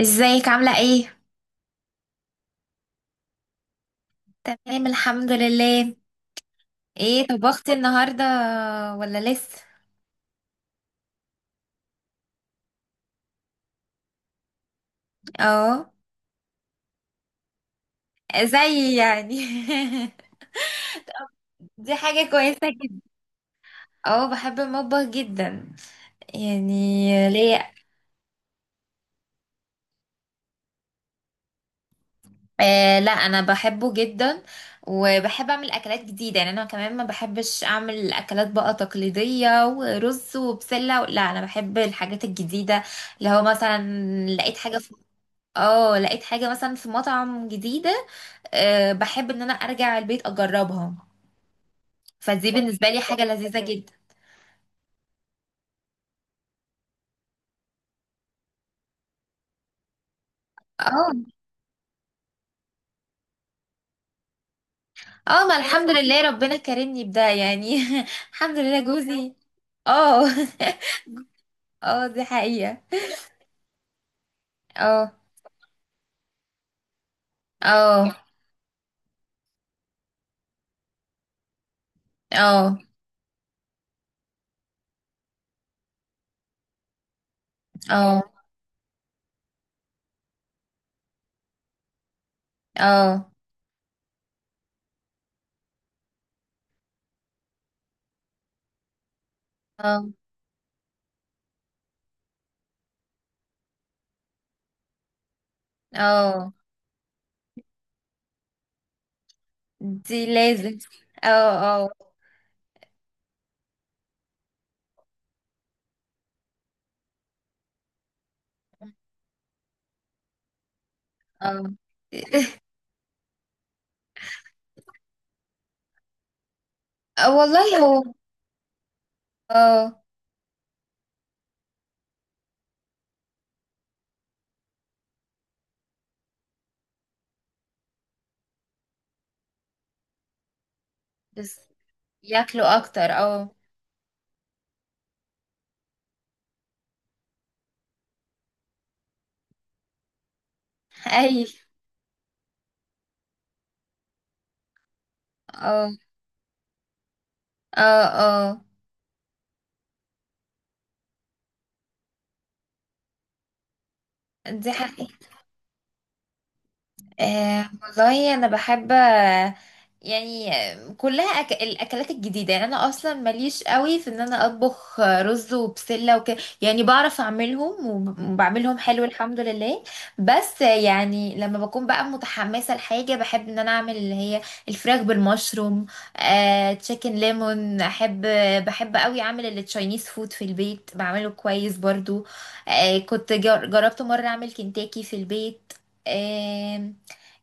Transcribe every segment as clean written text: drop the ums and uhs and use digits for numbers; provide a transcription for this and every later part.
ازيك عاملة ايه؟ تمام الحمد لله. ايه طبختي النهاردة ولا لسه؟ اه. زي يعني. دي حاجة كويسة جدا. اه بحب المطبخ جدا يعني. ليه. آه لا انا بحبه جدا وبحب اعمل اكلات جديدة، يعني انا كمان ما بحبش اعمل اكلات بقى تقليدية ورز وبسلة، لا انا بحب الحاجات الجديدة اللي هو مثلا. لقيت حاجة في. اه لقيت حاجة مثلا في مطعم جديدة. أه بحب ان انا ارجع البيت اجربها. فدي بالنسبه لي حاجه لذيذه جدا. اه اه ما الحمد لله ربنا كرمني بده يعني. الحمد لله جوزي. اه. اه دي حقيقه. اه. اه. اه. اه. اه. اه. اه دي لازم. اه اه اه. آه، والله هو. اه. بس ياكلوا اكتر اه. اي. اه. اه. اه. دي حقيقة. أه والله انا بحب يعني كلها الاكلات الجديده، يعني انا اصلا ماليش قوي في ان انا اطبخ رز وبسله وكده. يعني بعرف اعملهم وبعملهم حلو الحمد لله. بس يعني لما بكون بقى متحمسه لحاجه، بحب ان انا اعمل اللي هي الفراخ بالمشروم. أه تشيكن ليمون احب. بحب قوي اعمل التشاينيز فود في البيت، بعمله كويس برضو. أه جربت مره اعمل كنتاكي في البيت.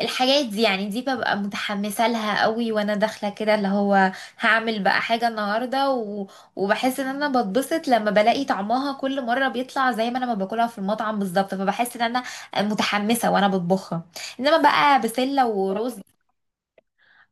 الحاجات دي يعني دي ببقى متحمسة لها قوي، وانا داخلة كده اللي هو هعمل بقى حاجة النهاردة وبحس ان انا بتبسط لما بلاقي طعمها كل مرة بيطلع زي ما انا ما باكلها في المطعم بالظبط، فبحس ان انا متحمسة وانا بطبخها. انما بقى بسلة ورز.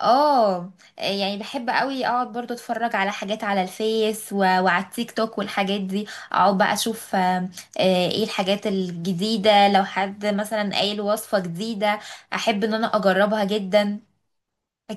اه. يعني بحب قوي اقعد برضو اتفرج على حاجات على الفيس وعلى التيك توك والحاجات دي. اقعد بقى اشوف ايه الحاجات الجديدة. لو حد مثلا قايل وصفة جديدة احب ان انا اجربها جدا.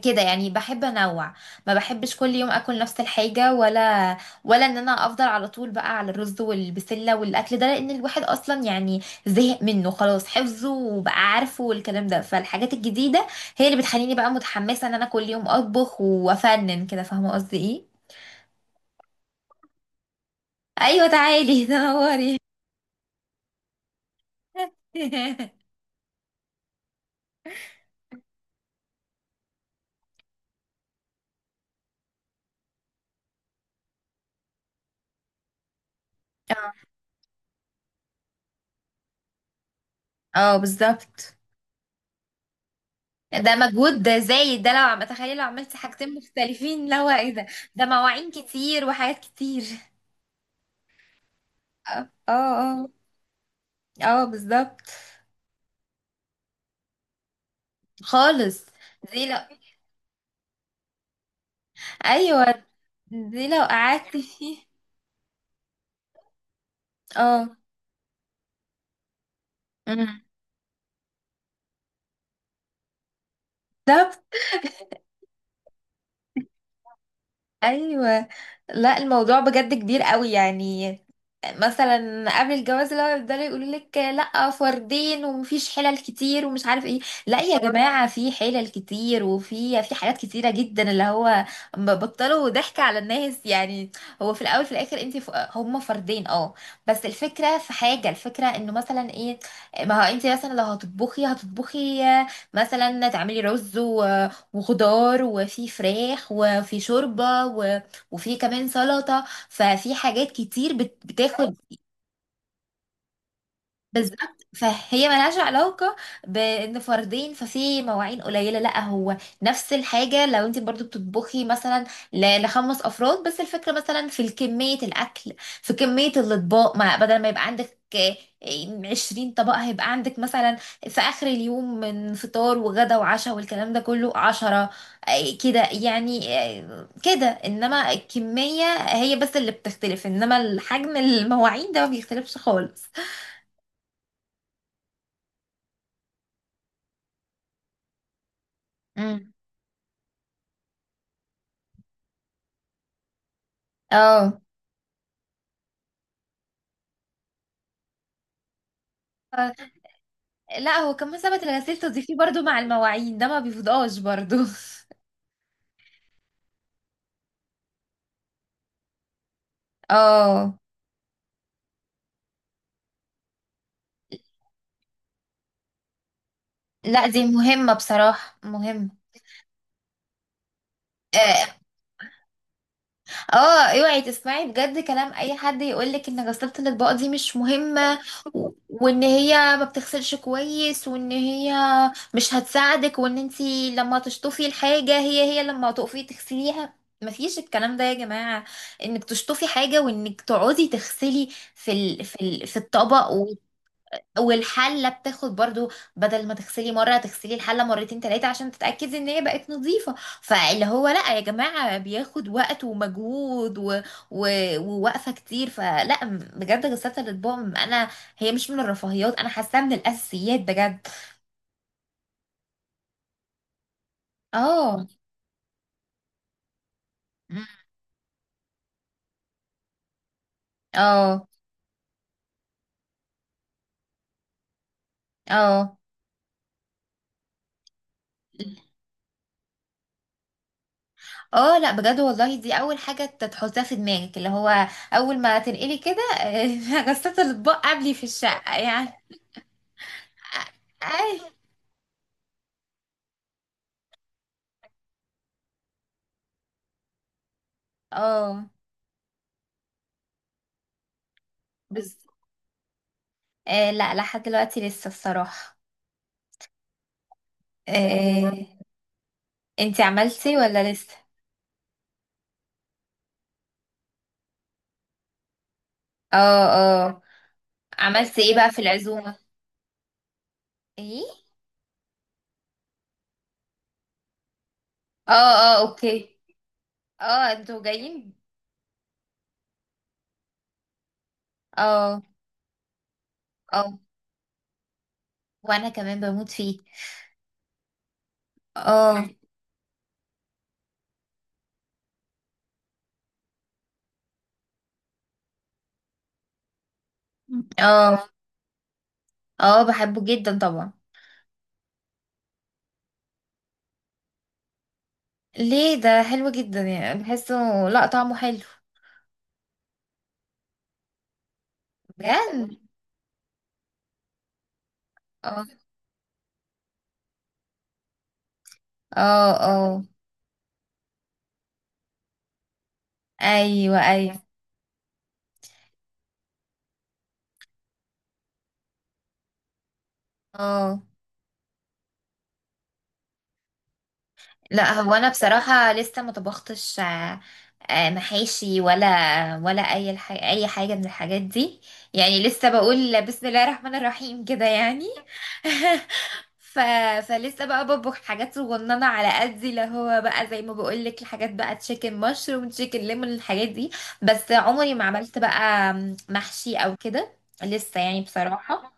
كده يعني بحب انوع، ما بحبش كل يوم اكل نفس الحاجه ولا ان انا افضل على طول بقى على الرز والبسله والاكل ده، لان الواحد اصلا يعني زهق منه خلاص، حفظه وبقى عارفه والكلام ده، فالحاجات الجديده هي اللي بتخليني بقى متحمسه ان انا كل يوم اطبخ وافنن كده، فاهمه قصدي ايه. ايوه تعالي تنوري. اه. اه بالظبط. ده مجهود ده زايد، ده لو عم تخيل لو عملتي حاجتين مختلفين، لا هو ايه ده. ده مواعين كتير وحاجات كتير. اه اه. اه بالظبط. خالص. دي لو. ايوه دي لو قعدت فيه. اه. أمم. ده. ايوه. لا الموضوع بجد كبير قوي يعني. مثلا قبل الجواز لو يفضلوا يقولوا لك لا فردين ومفيش حلل كتير ومش عارف ايه. لا يا جماعه في حلل كتير وفي حاجات كتيره جدا اللي هو بطلوا ضحك على الناس يعني. هو في الاول في الاخر انت هم فردين اه. بس الفكره في حاجه، الفكره انه مثلا ايه. ما هو انت مثلا لو هتطبخي هتطبخي مثلا تعملي رز وخضار وفي فراخ وفي شوربة وفي كمان سلطة. ففي حاجات كتير بتاخد. بالظبط. فهي ملهاش علاقة بان فردين ففي مواعين قليلة لا هو. نفس الحاجة لو انت برضو بتطبخي مثلا لخمس افراد. بس الفكرة مثلا في كمية الاكل، في كمية الاطباق، ما بدل ما يبقى عندك 20 طبق هيبقى عندك مثلا في اخر اليوم من فطار وغدا وعشاء والكلام ده كله 10. كده يعني كده، انما الكمية هي بس اللي بتختلف، انما الحجم المواعين ده ما بيختلفش خالص. اه. آه، لا هو كمان سابت الغسيل تضيفيه برضو، مع المواعين ده ما بيفضقش برضو. اه لا دي مهمة بصراحة، مهمة. اه. اوعي تسمعي بجد كلام اي حد يقولك ان غسالة الاطباق دي مش مهمة، وان هي ما بتغسلش كويس، وان هي مش هتساعدك، وان انتي لما تشطفي الحاجة هي لما تقفي تغسليها مفيش الكلام ده يا جماعة. انك تشطفي حاجة وانك تقعدي تغسلي في الطبق والحلة بتاخد برضو، بدل ما تغسلي مرة تغسلي الحلة مرتين تلاتة عشان تتأكدي ان هي بقت نظيفة. فاللي هو لا يا جماعة بياخد وقت ومجهود و... ووقفة كتير. فلا بجد غسالة الأطباق انا هي مش من الرفاهيات، انا حاساها من الأساسيات بجد. اه. مم. اه اه. اه لا بجد والله دي اول حاجة تحطها في دماغك، اللي هو اول ما تنقلي كده، غسالة الاطباق قبلي في الشقة يعني. أي- اه بس. آه لا لحد دلوقتي لسه، الصراحة. آه انتي عملتي ولا لسه. اه اه. عملتي ايه بقى في العزومة. ايه. اه اه اوكي. اه انتوا جايين. اه اه وانا كمان بموت فيه. اه اه اه بحبه جدا طبعا. ليه، ده حلو جدا يعني بحسه. لا طعمه حلو. بجد. اه اه اه ايوه ايوه. اه لا هو انا بصراحه لسه ما طبختش محاشي ولا اي اي حاجه من الحاجات دي. يعني لسه بقول بسم الله الرحمن الرحيم كده يعني. ف... فلسه بقى بطبخ حاجات صغننه على قدي، اللي هو بقى زي ما بقول لك، الحاجات بقى تشيكن مشروم تشيكن ليمون الحاجات دي. بس عمري ما عملت بقى محشي او كده، لسه يعني بصراحه.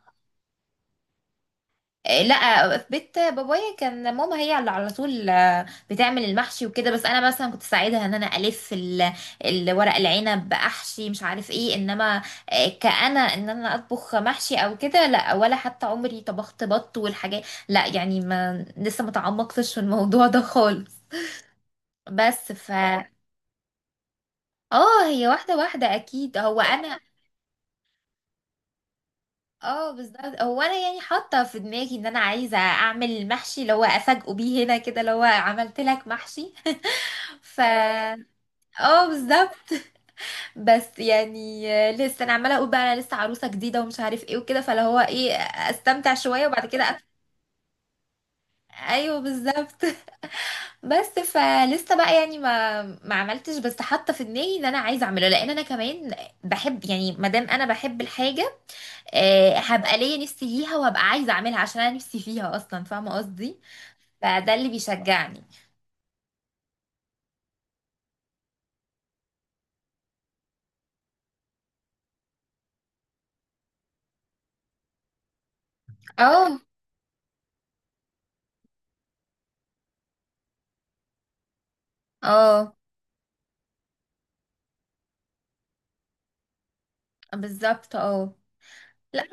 لا في بيت بابايا كان ماما هي اللي على طول بتعمل المحشي وكده. بس انا مثلا كنت ساعدها ان انا الف الورق العنب احشي مش عارف ايه. انما كأنا ان انا اطبخ محشي او كده لا، ولا حتى عمري طبخت بط والحاجات لا، يعني ما لسه ما تعمقتش في الموضوع ده خالص. بس اه هي واحدة واحدة اكيد، هو انا. اه بالظبط. هو انا يعني حاطه في دماغي ان انا عايزه اعمل المحشي اللي هو افاجئه بيه هنا كده، اللي هو عملت لك محشي. ف اه بالظبط. بس يعني لسه انا عماله اقول بقى انا لسه عروسه جديده ومش عارف ايه وكده، فاللي هو ايه استمتع شويه وبعد كده ايوه بالظبط. بس فلسه بقى يعني ما عملتش، بس حاطه في دماغي ان انا عايزه اعمله لان انا كمان بحب. يعني ما دام انا بحب الحاجه هبقى ليا نفسي ليها وهبقى عايزه اعملها عشان انا نفسي فيها اصلا، فاهمه قصدي. فده اللي بيشجعني. اه اه بالظبط. اه لا.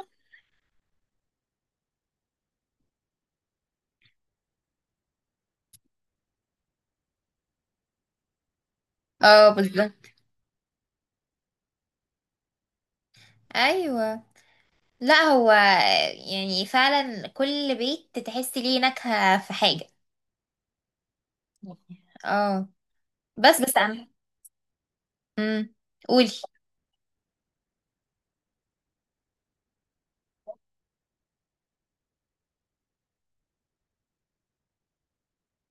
اه بالظبط. ايوه لا هو يعني فعلا كل بيت تحس ليه نكهة في حاجة. اه بس عم. امم. قولي.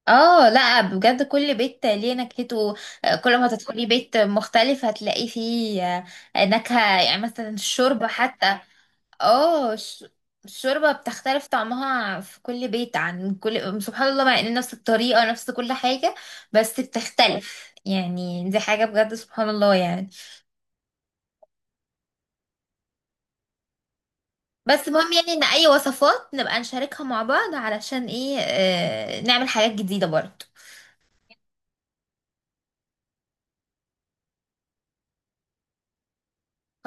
اه لا بجد كل بيت ليه نكهته. كل ما تدخلي بيت مختلف هتلاقي فيه نكهة. يعني مثلا الشوربة حتى اه الشوربة بتختلف طعمها في كل بيت عن كل، سبحان الله مع ان نفس الطريقة نفس كل حاجة بس بتختلف يعني، دي حاجة بجد سبحان الله يعني. بس مهم يعني ان اي وصفات نبقى نشاركها مع بعض علشان ايه آه نعمل حاجات جديدة برضه.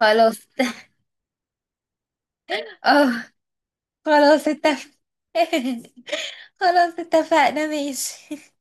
خلاص. اه خلاص اتفق. خلاص اتفقنا ماشي.